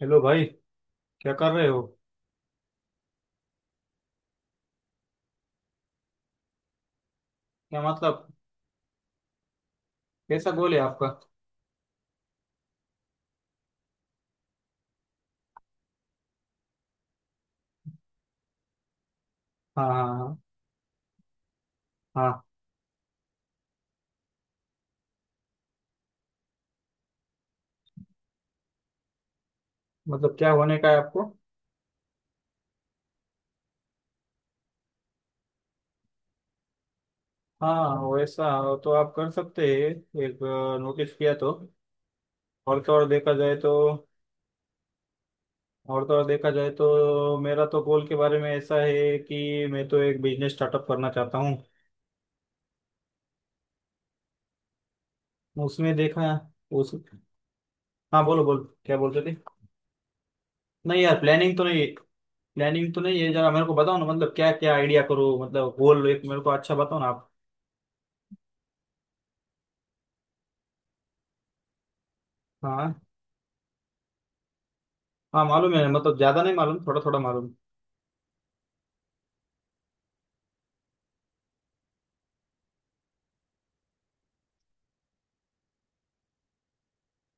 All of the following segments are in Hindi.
हेलो भाई, क्या कर रहे हो। क्या मतलब, कैसा गोल है आपका। हाँ हाँ, हाँ हाँ। मतलब क्या होने का है आपको। हाँ वैसा तो आप कर सकते हैं। एक नोटिस किया तो। और तो और देखा जाए तो। और तो और देखा जाए तो मेरा तो गोल के बारे में ऐसा है कि मैं तो एक बिजनेस स्टार्टअप करना चाहता हूँ। उसमें देखा उस। हाँ बोलो बोलो, क्या बोलते थे। नहीं यार, प्लानिंग तो नहीं, प्लानिंग तो नहीं है। जरा मेरे को बताओ ना, मतलब क्या क्या आइडिया करो, मतलब गोल एक मेरे को अच्छा बताओ ना आप। हाँ हाँ मालूम है, मतलब ज्यादा नहीं मालूम, थोड़ा थोड़ा मालूम।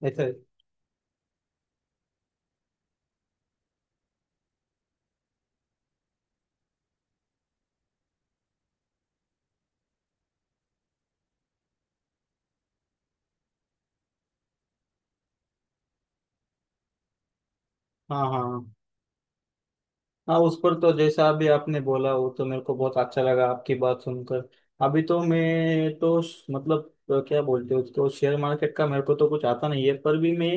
ऐसे। हाँ हाँ हाँ। हाँ उस पर तो जैसा अभी आपने बोला वो तो मेरे को बहुत अच्छा लगा आपकी बात सुनकर। अभी तो मैं तो मतलब क्या बोलते हैं उसको शेयर मार्केट का, मेरे को तो कुछ आता नहीं है, पर भी मैं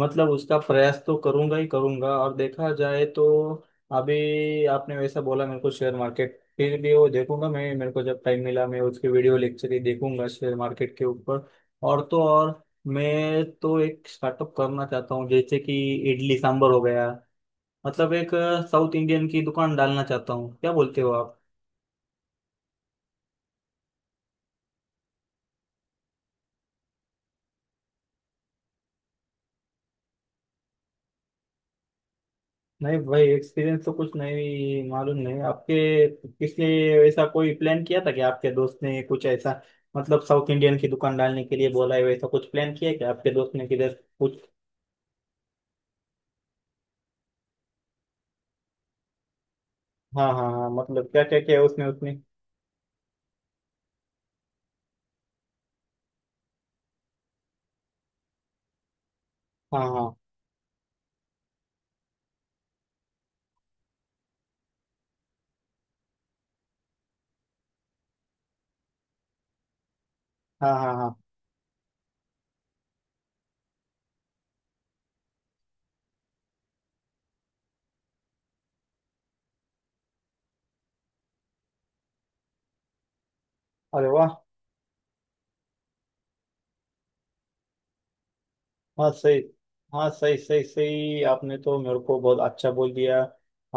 मतलब उसका प्रयास तो करूंगा ही करूंगा। और देखा जाए तो अभी आपने वैसा बोला मेरे को, शेयर मार्केट फिर भी वो देखूंगा मैं। मेरे को जब टाइम मिला मैं उसके वीडियो लेक्चर ही देखूंगा शेयर मार्केट के ऊपर। और तो और मैं तो एक स्टार्टअप करना चाहता हूँ, जैसे कि इडली सांभर हो गया, मतलब एक साउथ इंडियन की दुकान डालना चाहता हूँ। क्या बोलते हो आप। नहीं भाई, एक्सपीरियंस तो कुछ नहीं मालूम। नहीं आपके किसने ऐसा कोई प्लान किया था कि आपके दोस्त ने कुछ ऐसा, मतलब साउथ इंडियन की दुकान डालने के लिए बोला है, वैसा कुछ प्लान किया है क्या आपके दोस्त ने किधर कुछ। हाँ हाँ हाँ, मतलब क्या क्या किया उसने उसने। हाँ हाँ हाँ हाँ, हाँ हाँ। अरे वाह। हाँ सही, हाँ सही सही सही, आपने तो मेरे को बहुत अच्छा बोल दिया।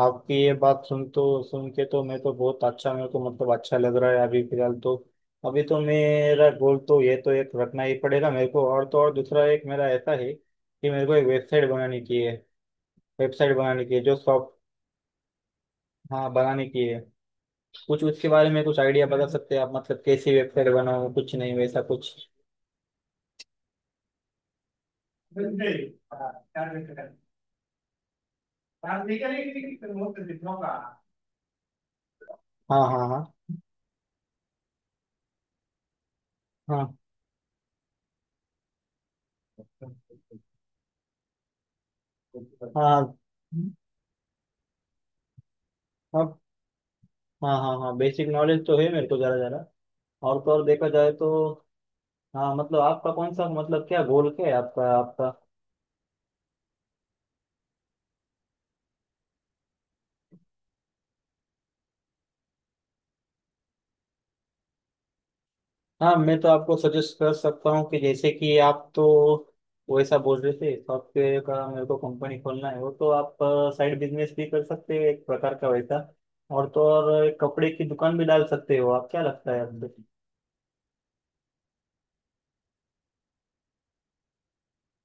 आपकी ये बात सुन तो, सुन के तो मैं तो बहुत अच्छा, मेरे को मतलब अच्छा लग रहा है अभी फिलहाल तो। अभी तो मेरा गोल तो ये तो एक रखना ही पड़ेगा मेरे को, और तो और दूसरा एक मेरा ऐसा है कि मेरे को एक वेबसाइट बनाने की है। वेबसाइट बनाने की है जो शॉप। हाँ बनाने की है। कुछ उसके बारे में कुछ आइडिया बता सकते हैं आप, मतलब कैसी वेबसाइट बनाओ कुछ, नहीं वैसा कुछ। हाँ, हाँ हाँ। हाँ। हाँ। हाँ। हाँ। हाँ हाँ हाँ, बेसिक नॉलेज तो है मेरे को जरा जरा। और तो और देखा जाए तो। हाँ मतलब आपका कौन सा, मतलब क्या गोल क्या है आपका आपका। हाँ मैं तो आपको सजेस्ट कर सकता हूँ कि जैसे कि आप तो वैसा बोल रहे थे, सॉफ्टवेयर का मेरे को कंपनी खोलना है, वो तो आप साइड बिजनेस भी कर सकते हो एक प्रकार का वैसा। और तो और एक कपड़े की दुकान भी डाल सकते हो आप, क्या लगता है आपको।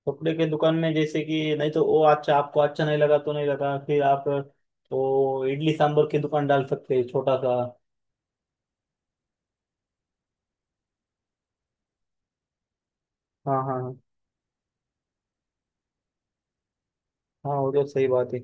कपड़े के दुकान में जैसे कि, नहीं तो वो अच्छा आपको अच्छा नहीं लगा तो नहीं लगा, फिर आप तो इडली सांभर की दुकान डाल सकते हैं छोटा सा। हाँ हाँ हाँ। हाँ वो तो सही बात है।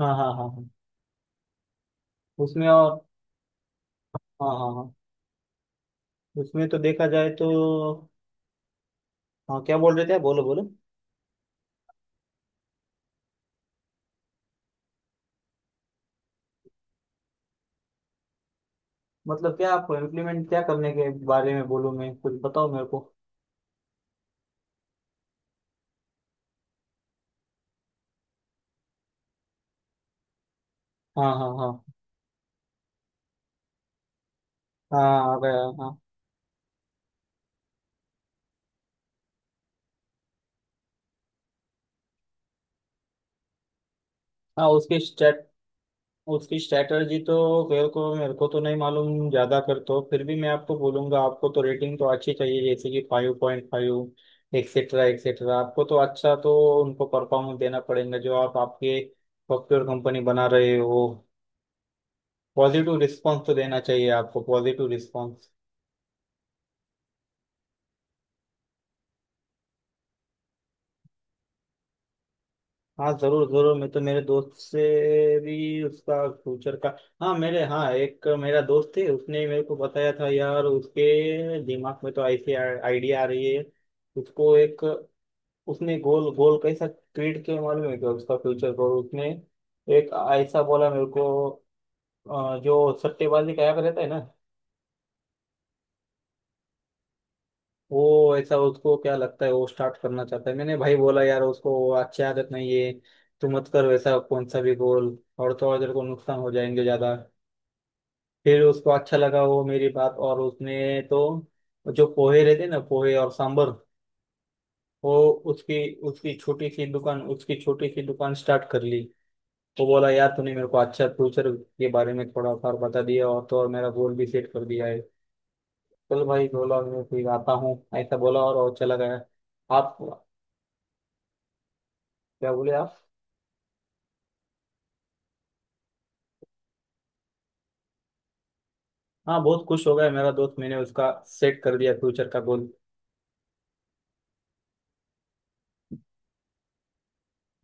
हाँ हाँ हाँ हाँ। उसमें और। हाँ हाँ हाँ। उसमें तो देखा जाए तो। हाँ, क्या बोल रहे थे आप? बोलो बोलो। मतलब क्या आपको इम्प्लीमेंट, क्या करने के बारे में बोलूँ मैं, कुछ बताओ मेरे को। हाँ हाँ हाँ। हाँ आ गया हाँ। हाँ उसके, उसकी स्ट्रैटेजी तो मेरे को तो नहीं मालूम ज्यादा कर। तो फिर भी मैं आपको बोलूंगा, आपको तो रेटिंग तो अच्छी चाहिए जैसे कि five point five etcetera etcetera. आपको तो अच्छा तो उनको परफॉर्मेंस देना पड़ेगा, जो आप आपके सॉफ्टवेयर कंपनी बना रहे हो। पॉजिटिव रिस्पॉन्स तो देना चाहिए आपको, पॉजिटिव रिस्पॉन्स। हाँ जरूर जरूर, मैं तो मेरे दोस्त से भी उसका फ्यूचर का। हाँ मेरे, हाँ एक मेरा दोस्त है, उसने मेरे को बताया था यार उसके दिमाग में तो ऐसी आइडिया आ रही है। उसको एक, उसने गोल गोल कैसा क्रिएट किया मालूम है क्या, उसका फ्यूचर गोल उसने एक ऐसा बोला मेरे को। जो सट्टेबाजी का ऐप रहता है ना, वो ऐसा उसको क्या लगता है वो स्टार्ट करना चाहता है। मैंने भाई बोला यार उसको वो अच्छी आदत नहीं है, तू मत कर वैसा कौन सा भी गोल, और थोड़ा देर को नुकसान हो जाएंगे ज्यादा। फिर उसको अच्छा लगा वो मेरी बात, और उसने तो जो पोहे रहते ना, पोहे और सांबर, वो उसकी उसकी छोटी सी दुकान, स्टार्ट कर ली। वो बोला यार तूने मेरे को अच्छा फ्यूचर के बारे में थोड़ा सा बता दिया और तो और मेरा गोल भी सेट कर दिया है। चल भाई बोला, मैं फिर आता हूँ ऐसा बोला और चला गया। आप, क्या बोले आप। हाँ बहुत खुश हो गया मेरा दोस्त, मैंने उसका सेट कर दिया फ्यूचर का गोल।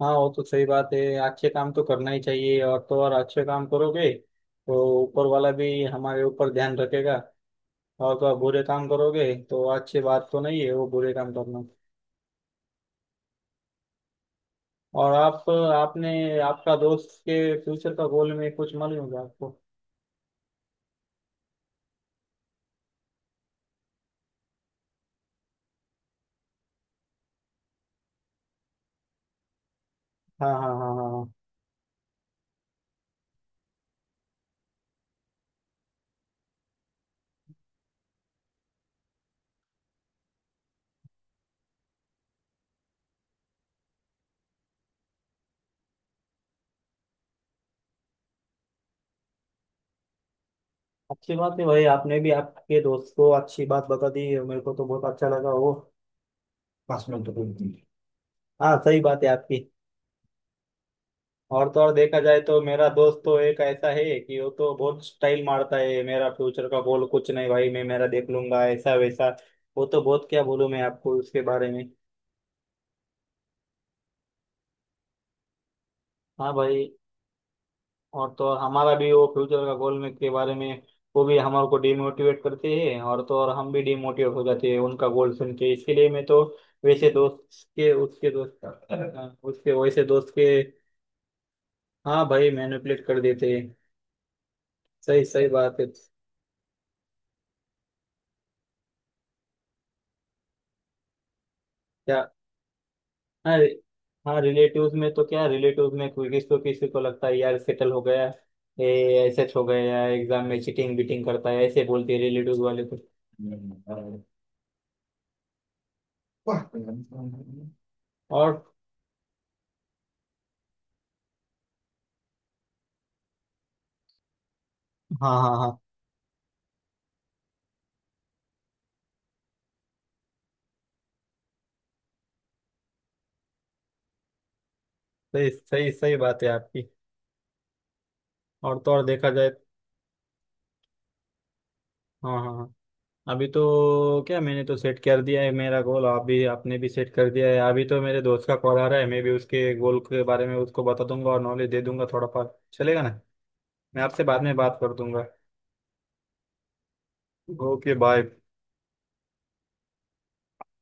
हाँ वो तो सही बात है। अच्छे काम तो करना ही चाहिए, और तो और अच्छे काम करोगे तो ऊपर वाला भी हमारे ऊपर ध्यान रखेगा। और तो आप बुरे काम करोगे तो अच्छी बात तो नहीं है वो बुरे काम करना। और आप आपने, आपका दोस्त के फ्यूचर का गोल में कुछ मालूम होगा आपको। हाँ हाँ हाँ हाँ हाँ। अच्छी बात है भाई, आपने भी आपके दोस्त को अच्छी बात बता दी है, मेरे को तो बहुत अच्छा लगा वो। पास में तो कोई नहीं। हाँ सही बात है आपकी। और तो और देखा जाए तो, मेरा दोस्त तो एक ऐसा है कि वो तो बहुत स्टाइल मारता है, मेरा फ्यूचर का गोल कुछ नहीं भाई, मैं मेरा देख लूंगा ऐसा वैसा। वो तो बहुत क्या बोलूं मैं आपको उसके बारे में। हाँ भाई। और तो और हमारा भी वो फ्यूचर का गोल में के बारे में, वो भी हमारे को डिमोटिवेट करते हैं, और तो और हम भी डिमोटिवेट हो जाते हैं उनका गोल सुन के। इसके लिए मैं तो वैसे दोस्त के, उसके दोस्त उसके वैसे दोस्त के। हाँ भाई, मैनिपुलेट कर देते हैं। सही सही बात है। क्या। हाँ। हाँ रिलेटिव्स में तो क्या, रिलेटिव्स में कोई किसी को लगता है यार सेटल हो गया, ये ऐसे हो गया, एग्जाम में चीटिंग बीटिंग करता है, ऐसे बोलते हैं रिलेटिव्स वाले तो। और। हाँ हाँ हाँ। सही सही सही बात है आपकी। और तो और देखा जाए। हाँ हाँ हाँ। अभी तो क्या मैंने तो सेट कर दिया है मेरा गोल, आप भी आपने भी सेट कर दिया है। अभी तो मेरे दोस्त का कॉल आ रहा है, मैं भी उसके गोल के बारे में उसको बता दूंगा और नॉलेज दे दूंगा थोड़ा बहुत, चलेगा ना। मैं आपसे बाद में बात कर दूंगा। Okay bye.